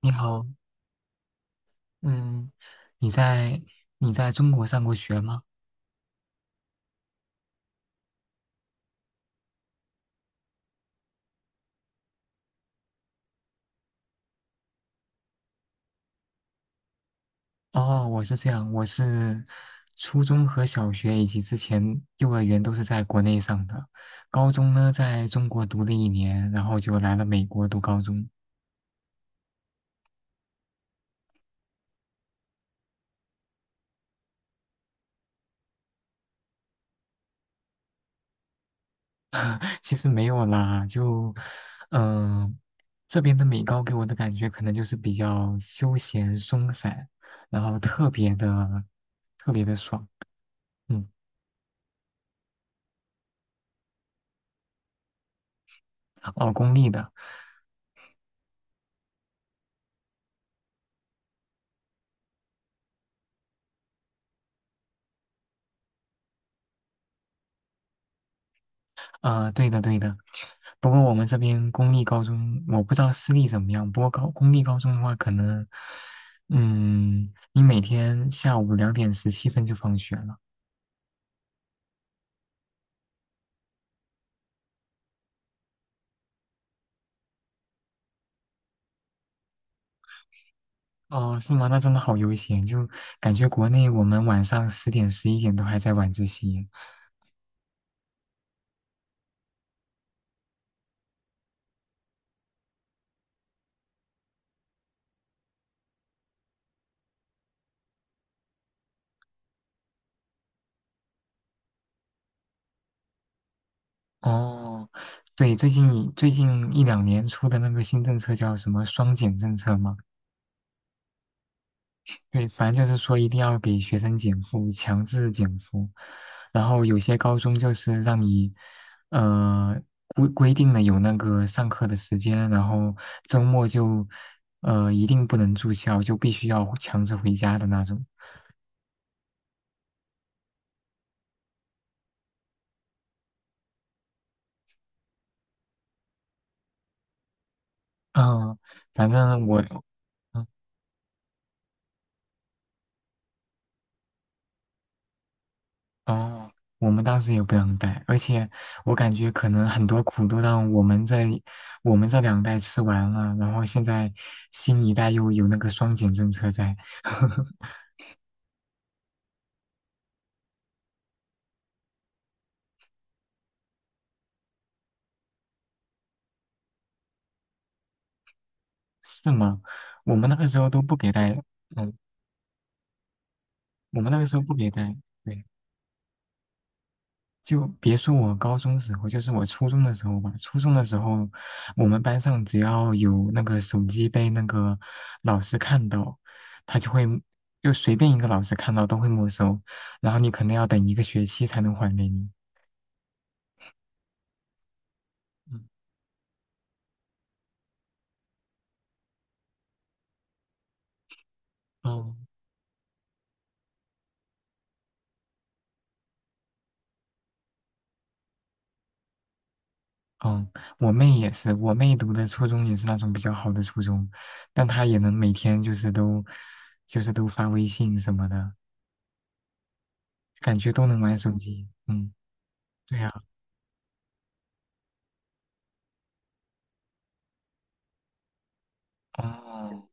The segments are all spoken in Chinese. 你好，嗯，你在你在中国上过学吗？哦，我是这样，我是初中和小学以及之前幼儿园都是在国内上的，高中呢在中国读了一年，然后就来了美国读高中。其实没有啦，就嗯、呃这边的美高给我的感觉可能就是比较休闲松散，然后特别的爽。嗯，哦，公立的。啊，对的，对的。不过我们这边公立高中，我不知道私立怎么样。不过公立高中的话，可能，你每天下午2:17就放学了。哦，是吗？那真的好悠闲，就感觉国内我们晚上十点、十一点都还在晚自习。哦，对，最近一两年出的那个新政策叫什么"双减"政策吗？对，反正就是说一定要给学生减负，强制减负。然后有些高中就是让你，呃，规定了有那个上课的时间，然后周末就，呃，一定不能住校，就必须要强制回家的那种。嗯，反正我，嗯，哦，我们当时也不让带，而且我感觉可能很多苦都让我们这两代吃完了，然后现在新一代又有那个双减政策在。是吗？我们那个时候都不给带，嗯，我们那个时候不给带，对，就别说我高中时候，就是我初中的时候吧。初中的时候，我们班上只要有那个手机被那个老师看到，他就会就随便一个老师看到都会没收，然后你可能要等一个学期才能还给你。嗯，哦，嗯，我妹也是，我妹读的初中也是那种比较好的初中，但她也能每天就是都发微信什么的。感觉都能玩手机。嗯，对呀、哦，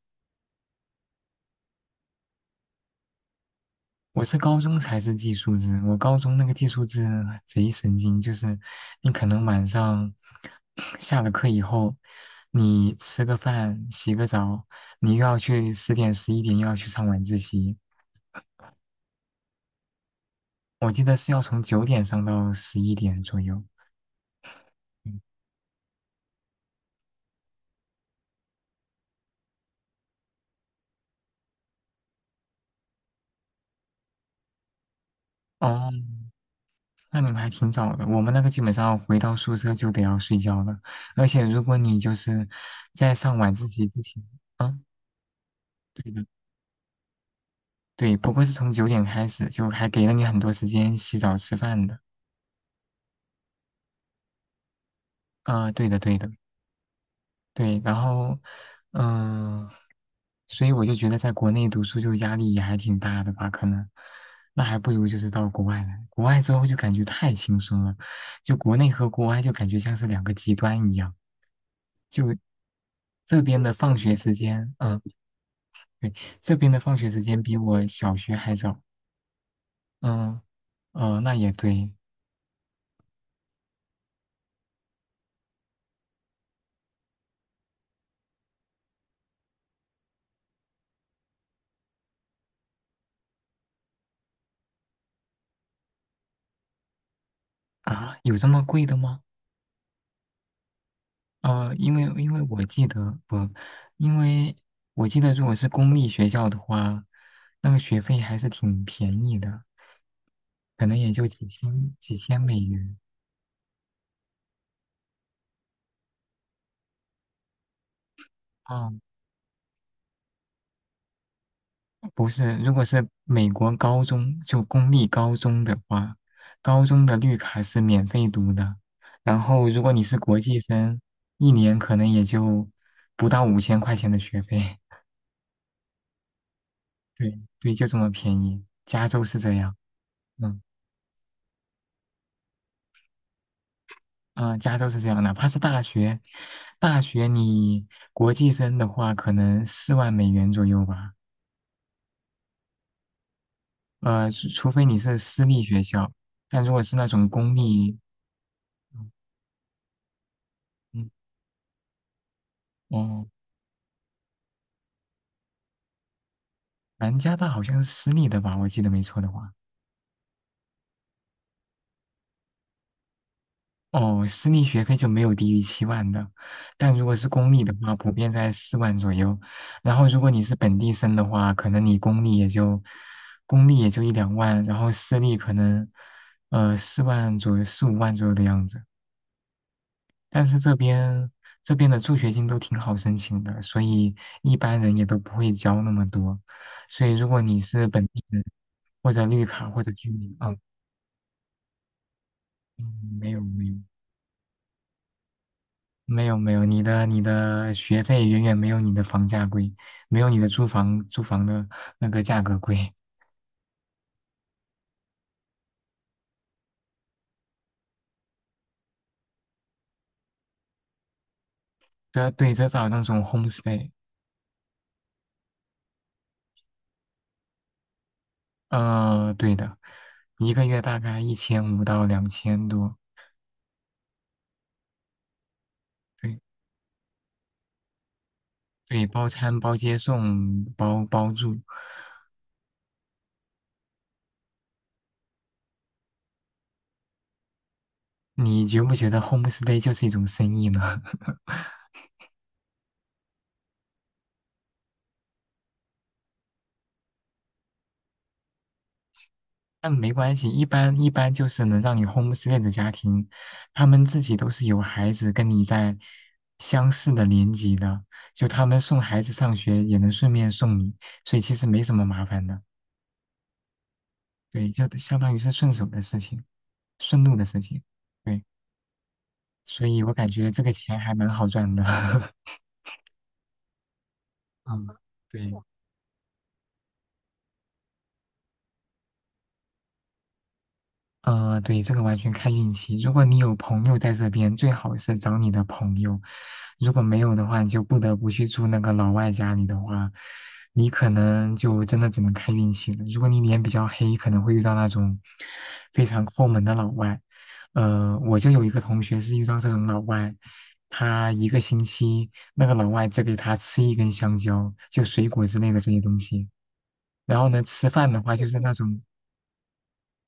我是高中才是寄宿制，我高中那个寄宿制贼神经，就是你可能晚上下了课以后，你吃个饭、洗个澡，你又要去十点、十一点又要去上晚自习，我记得是要从9点上到11点左右。嗯哦，那你们还挺早的。我们那个基本上回到宿舍就得要睡觉了，而且如果你就是在上晚自习之前，嗯。对的，对，不过是从九点开始，就还给了你很多时间洗澡吃饭的。啊、对的，对的，对。然后，嗯、所以我就觉得在国内读书就压力也还挺大的吧，可能，那还不如就是到国外来。国外之后就感觉太轻松了，就国内和国外就感觉像是两个极端一样。就这边的放学时间，嗯、对，这边的放学时间比我小学还早。嗯、那也对啊，有这么贵的吗？因为我记得不，因为我记得如果是公立学校的话，那个学费还是挺便宜的，可能也就几千几千美元。哦，不是，如果是美国高中，就公立高中的话，高中的绿卡是免费读的，然后如果你是国际生，一年可能也就不到5000块钱的学费。对对，就这么便宜，加州是这样。嗯。加州是这样，哪怕是大学，大学国际生的话，可能4万美元左右吧。除非你是私立学校，但如果是那种公立，嗯，哦，哦南加大好像是私立的吧，我记得没错的话。哦，私立学费就没有低于7万的，但如果是公立的话，普遍在四万左右。然后如果你是本地生的话，可能你公立也就一两万，然后私立可能呃四万左右、四五万左右的样子。但是这边的助学金都挺好申请的，所以一般人也都不会交那么多。所以如果你是本地人或者绿卡或者居民，啊，嗯没有没有。没有没有，你的学费远远没有你的房价贵，没有你的租房的那个价格贵。这对，这是好像那种 homestay，呃，对的，一个月大概一千五到两千多，对对，包餐包接送包住，你觉不觉得 homestay 就是一种生意呢？但没关系，一般就是能让你 homestay 的家庭，他们自己都是有孩子跟你在相似的年级的，就他们送孩子上学也能顺便送你，所以其实没什么麻烦的。对，就相当于是顺手的事情，顺路的事情。对，所以我感觉这个钱还蛮好赚的。嗯，对。呃，对，这个完全看运气。如果你有朋友在这边，最好是找你的朋友；如果没有的话，你就不得不去住那个老外家里的话，你可能就真的只能看运气了。如果你脸比较黑，可能会遇到那种非常抠门的老外。呃，我就有一个同学是遇到这种老外，他一个星期那个老外只给他吃一根香蕉，就水果之类的这些东西。然后呢，吃饭的话就是那种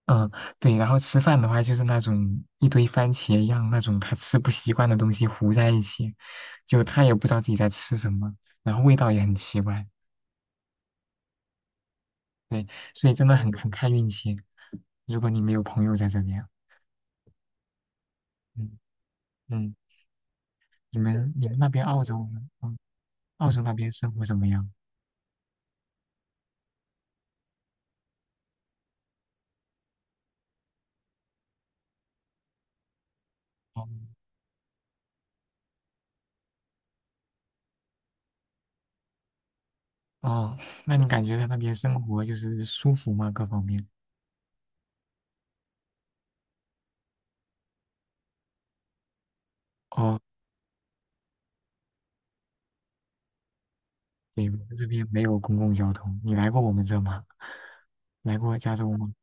嗯，对，然后吃饭的话就是那种一堆番茄一样那种他吃不习惯的东西糊在一起，就他也不知道自己在吃什么，然后味道也很奇怪，对，所以真的很看运气。如果你没有朋友在这边，嗯嗯，你们那边澳洲呢，嗯，澳洲那边生活怎么样？哦哦，那你感觉在那边生活就是舒服吗？各方面？哦，对，我们这边没有公共交通，你来过我们这吗？来过加州吗？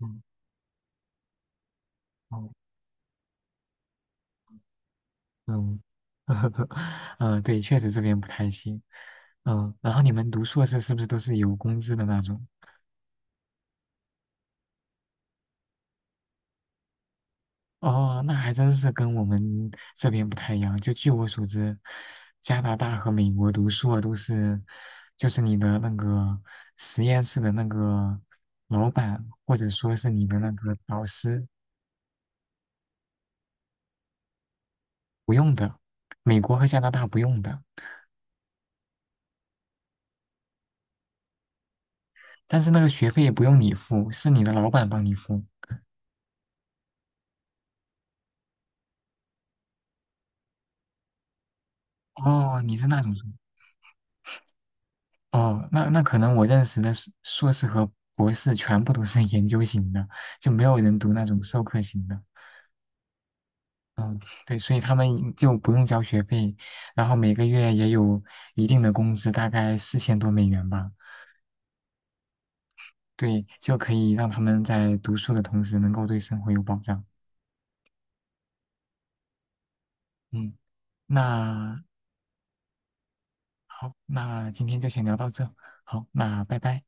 嗯。哦嗯，嗯，对，确实这边不太行。然后你们读硕士是不是都是有工资的那种？哦，那还真是跟我们这边不太一样。就据我所知，加拿大和美国读硕都是，就是你的那个实验室的那个老板，或者说是你的那个导师不用的，美国和加拿大不用的，但是那个学费也不用你付，是你的老板帮你付。哦，你是那种。哦，那那可能我认识的硕士和博士全部都是 研究型的，就没有人读那种授课型的。嗯，对，所以他们就不用交学费，然后每个月也有一定的工资，大概4000多美元吧。对，就可以让他们在读书的同时能够对生活有保障。嗯，那好，那今天就先聊到这。好，那拜拜。